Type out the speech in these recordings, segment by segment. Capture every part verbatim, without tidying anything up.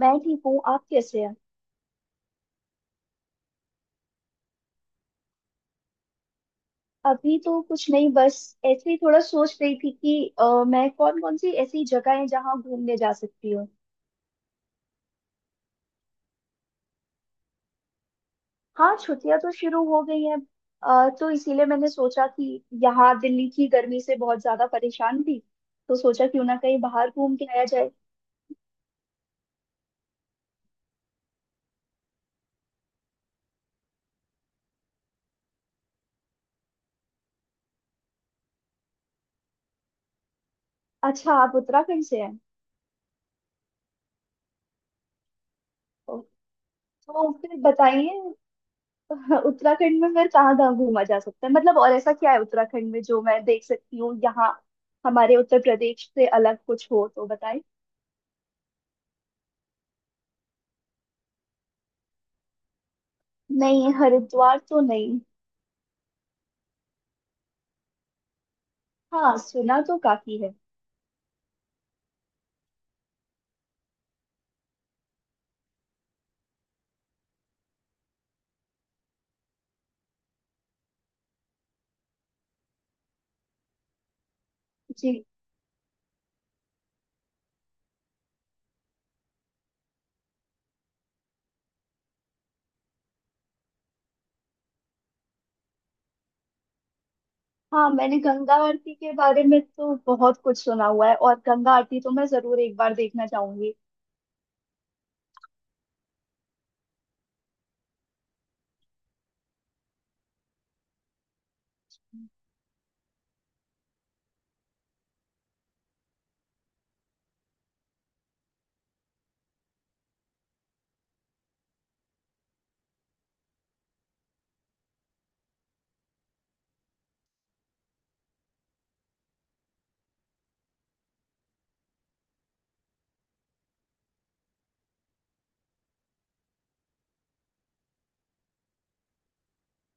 मैं ठीक हूँ। आप कैसे हैं? अभी तो कुछ नहीं, बस ऐसे ही थोड़ा सोच रही थी कि अ, मैं कौन कौन सी ऐसी जगह है जहाँ घूमने जा सकती हूँ। हाँ, छुट्टियाँ तो शुरू हो गई हैं। अ, तो इसीलिए मैंने सोचा कि यहाँ दिल्ली की गर्मी से बहुत ज्यादा परेशान थी, तो सोचा क्यों ना कहीं बाहर घूम के आया जाए। अच्छा, आप उत्तराखंड से हैं? ओ। तो फिर बताइए, हाँ, उत्तराखंड में फिर कहाँ कहाँ घूमा जा सकता है, मतलब और ऐसा क्या है उत्तराखंड में जो मैं देख सकती हूँ यहाँ हमारे उत्तर प्रदेश से अलग कुछ हो तो बताएं। नहीं, हरिद्वार तो नहीं। हाँ, सुना तो काफी है। जी। हाँ, मैंने गंगा आरती के बारे में तो बहुत कुछ सुना हुआ है, और गंगा आरती तो मैं जरूर एक बार देखना चाहूंगी।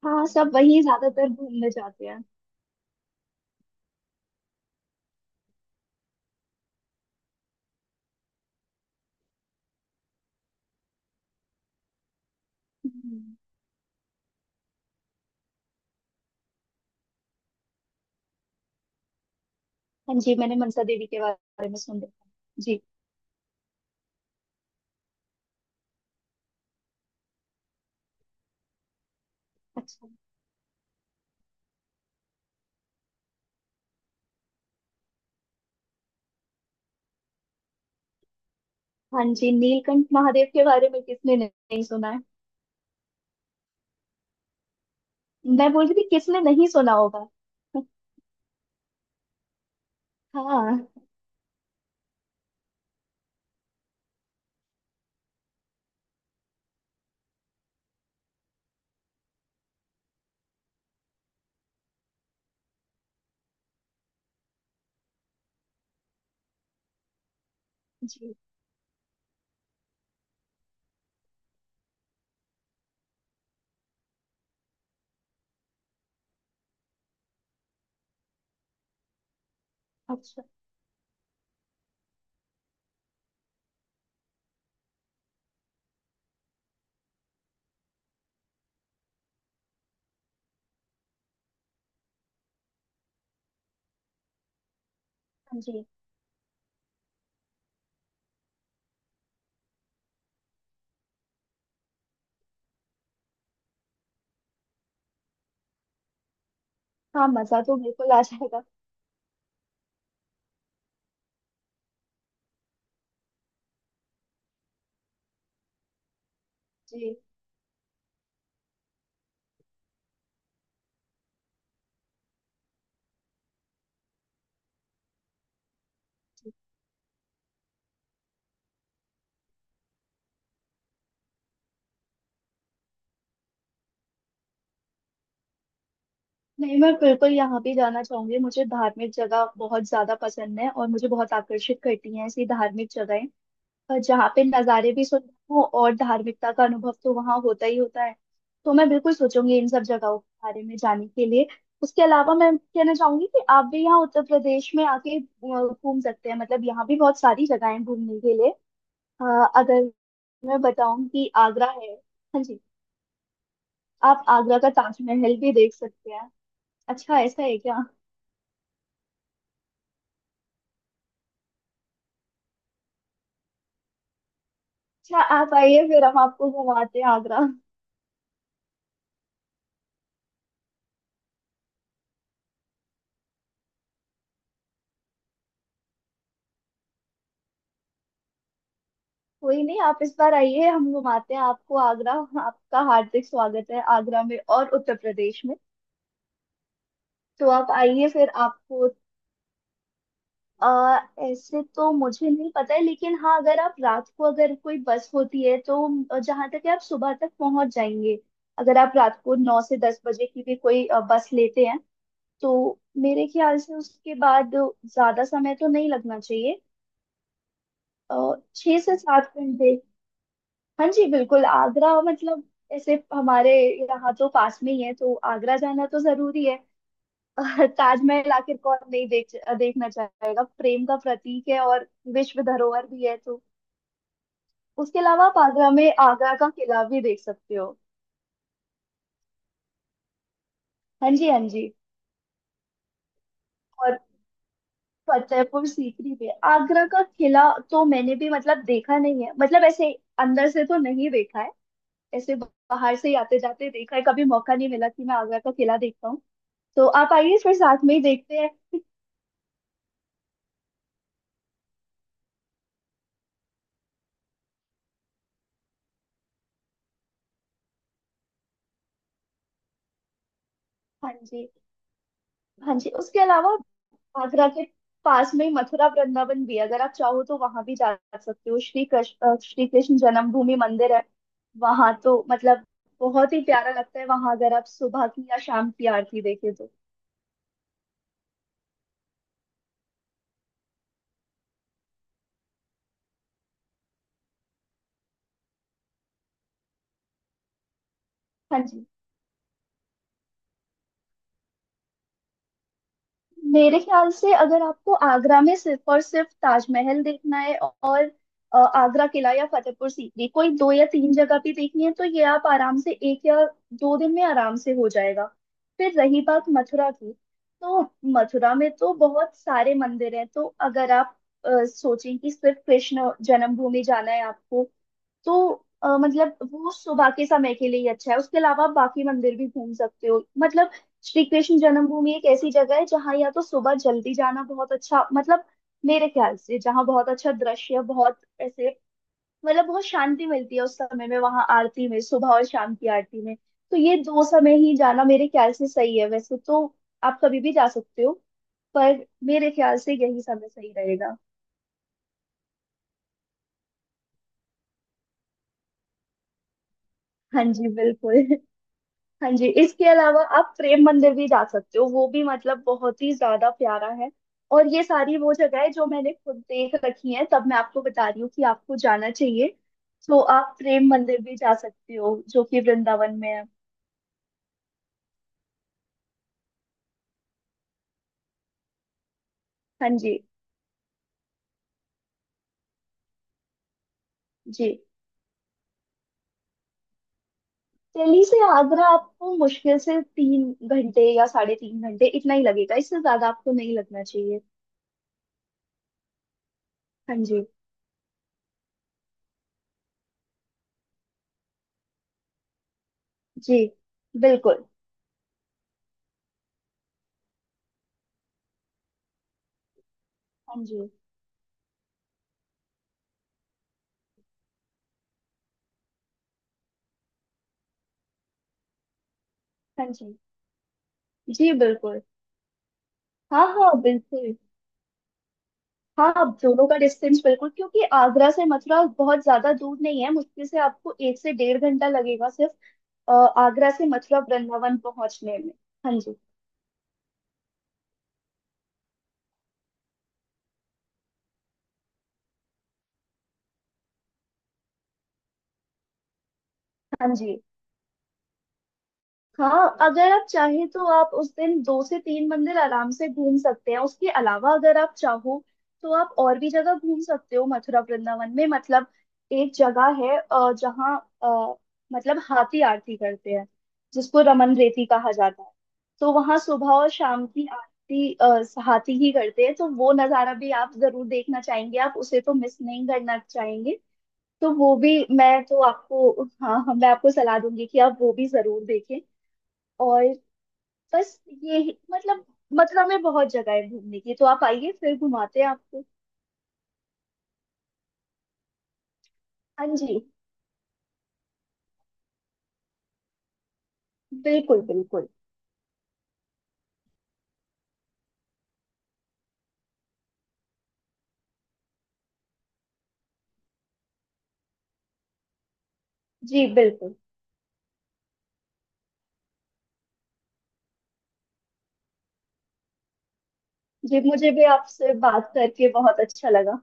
हाँ, सब वहीं ज्यादातर घूमने जाते हैं। हम्म। हाँ जी, मैंने मनसा देवी के बारे में सुन रखा है। जी। अच्छा। हाँ जी, नीलकंठ महादेव के बारे में किसने नहीं नहीं सुना है। मैं बोल रही थी किसने नहीं सुना होगा। हाँ जी। अच्छा। जी। हाँ, मजा तो बिल्कुल आ जाएगा। जी जी। नहीं, मैं बिल्कुल यहाँ भी जाना चाहूंगी। मुझे धार्मिक जगह बहुत ज्यादा पसंद है और मुझे बहुत आकर्षित करती हैं ऐसी धार्मिक जगहें। और जहाँ पे नज़ारे भी सुंदर हो और धार्मिकता का अनुभव तो वहाँ होता ही होता है। तो मैं बिल्कुल सोचूंगी इन सब जगहों के बारे में जाने के लिए। उसके अलावा मैं कहना चाहूंगी कि आप भी यहाँ उत्तर प्रदेश में आके अ, घूम सकते हैं, मतलब यहाँ भी बहुत सारी जगहें हैं घूमने के लिए। हाँ, अगर मैं बताऊं कि आगरा है। हाँ जी। आप आगरा का ताजमहल भी देख सकते हैं। अच्छा, ऐसा है क्या? अच्छा, आप आइए, फिर हम आपको घुमाते हैं आगरा। कोई नहीं, आप इस बार आइए, हम घुमाते हैं आपको आगरा। आपका हार्दिक स्वागत है आगरा में और उत्तर प्रदेश में। तो आप आइए, फिर आपको आ, ऐसे तो मुझे नहीं पता है, लेकिन हाँ, अगर आप रात को अगर कोई बस होती है तो जहाँ तक है आप सुबह तक पहुंच जाएंगे। अगर आप रात को नौ से दस बजे की भी कोई अ, बस लेते हैं तो मेरे ख्याल से उसके बाद ज्यादा समय तो नहीं लगना चाहिए। अ, छह से सात घंटे। हाँ जी, बिल्कुल आगरा, मतलब ऐसे हमारे यहाँ तो पास में ही है तो आगरा जाना तो जरूरी है। अ, ताजमहल आखिर कौन नहीं देख देखना चाहेगा, प्रेम का प्रतीक है और विश्व धरोहर भी है, तो उसके अलावा आप आगरा में आगरा का किला भी देख सकते हो। हाँ जी, हाँ जी। फतेहपुर सीकरी पे आगरा का किला। तो मैंने भी मतलब देखा नहीं है, मतलब ऐसे अंदर से तो नहीं देखा है। ऐसे बाहर से ही आते जाते देखा है, कभी मौका नहीं मिला कि मैं आगरा का किला देखता हूँ। तो आप आइए, फिर साथ में ही देखते हैं हाँ जी। हाँ जी, उसके अलावा आगरा के पास में ही मथुरा वृंदावन भी है। अगर आप चाहो तो वहां भी जा सकते हो, श्री कृष्ण श्री कृष्ण जन्मभूमि मंदिर है, वहां तो मतलब बहुत ही प्यारा लगता है वहां, अगर आप सुबह की या शाम की आरती देखे तो। हाँ जी। मेरे ख्याल से अगर आपको आगरा में सिर्फ और सिर्फ ताजमहल देखना है और अ, आगरा किला या फतेहपुर सीकरी, कोई दो या तीन जगह भी देखनी है, तो ये आप आराम से एक या दो दिन में आराम से हो जाएगा। फिर रही बात मथुरा की, तो मथुरा में तो बहुत सारे मंदिर हैं, तो अगर आप अ, सोचें कि सिर्फ कृष्ण जन्मभूमि जाना है आपको, तो अ, मतलब वो सुबह के समय के लिए ही अच्छा है। उसके अलावा आप बाकी मंदिर भी घूम सकते हो, मतलब श्री कृष्ण जन्मभूमि एक ऐसी जगह है जहाँ या तो सुबह जल्दी जाना बहुत अच्छा, मतलब मेरे ख्याल से जहाँ बहुत अच्छा दृश्य, बहुत ऐसे, मतलब बहुत शांति मिलती है उस समय में वहां आरती में, सुबह और शाम की आरती में। तो ये दो समय ही जाना मेरे ख्याल से सही है, वैसे तो आप कभी भी जा सकते हो, पर मेरे ख्याल से यही समय सही रहेगा। हाँ जी, बिल्कुल। हाँ जी, इसके अलावा आप प्रेम मंदिर भी जा सकते हो, वो भी मतलब बहुत ही ज्यादा प्यारा है। और ये सारी वो जगह है जो मैंने खुद देख रखी है, तब मैं आपको बता रही हूँ कि आपको जाना चाहिए। तो आप प्रेम मंदिर भी जा सकते हो जो कि वृंदावन में है। हाँ जी। जी, दिल्ली से आगरा आपको मुश्किल से तीन घंटे या साढ़े तीन घंटे इतना ही लगेगा, इससे ज्यादा आपको नहीं लगना चाहिए। हाँ जी। जी, बिल्कुल। हाँ जी। हाँ जी। जी, बिल्कुल। हाँ हाँ, बिल्कुल। हाँ, अब दोनों का डिस्टेंस बिल्कुल, क्योंकि आगरा से मथुरा बहुत ज्यादा दूर नहीं है, मुश्किल से आपको एक से डेढ़ घंटा लगेगा सिर्फ, अ, आगरा से मथुरा वृंदावन पहुंचने में। हाँ जी। हाँ जी। हाँ, अगर आप चाहें तो आप उस दिन दो से तीन मंदिर आराम से घूम सकते हैं। उसके अलावा अगर आप चाहो तो आप और भी जगह घूम सकते हो मथुरा वृंदावन में, मतलब एक जगह है अ, जहाँ अ, मतलब हाथी आरती करते हैं, जिसको रमन रेती कहा जाता है। तो वहाँ सुबह और शाम की आरती अ, हाथी ही करते हैं, तो वो नज़ारा भी आप जरूर देखना चाहेंगे, आप उसे तो मिस नहीं करना चाहेंगे। तो वो भी मैं तो आपको हाँ हाँ, मैं आपको सलाह दूंगी कि आप वो भी जरूर देखें। और बस ये ही- मतलब मथुरा में बहुत जगह है घूमने की, तो आप आइए, फिर घुमाते हैं आपको। हाँ जी, बिल्कुल बिल्कुल। जी बिल्कुल। जी, मुझे भी आपसे बात करके बहुत अच्छा लगा।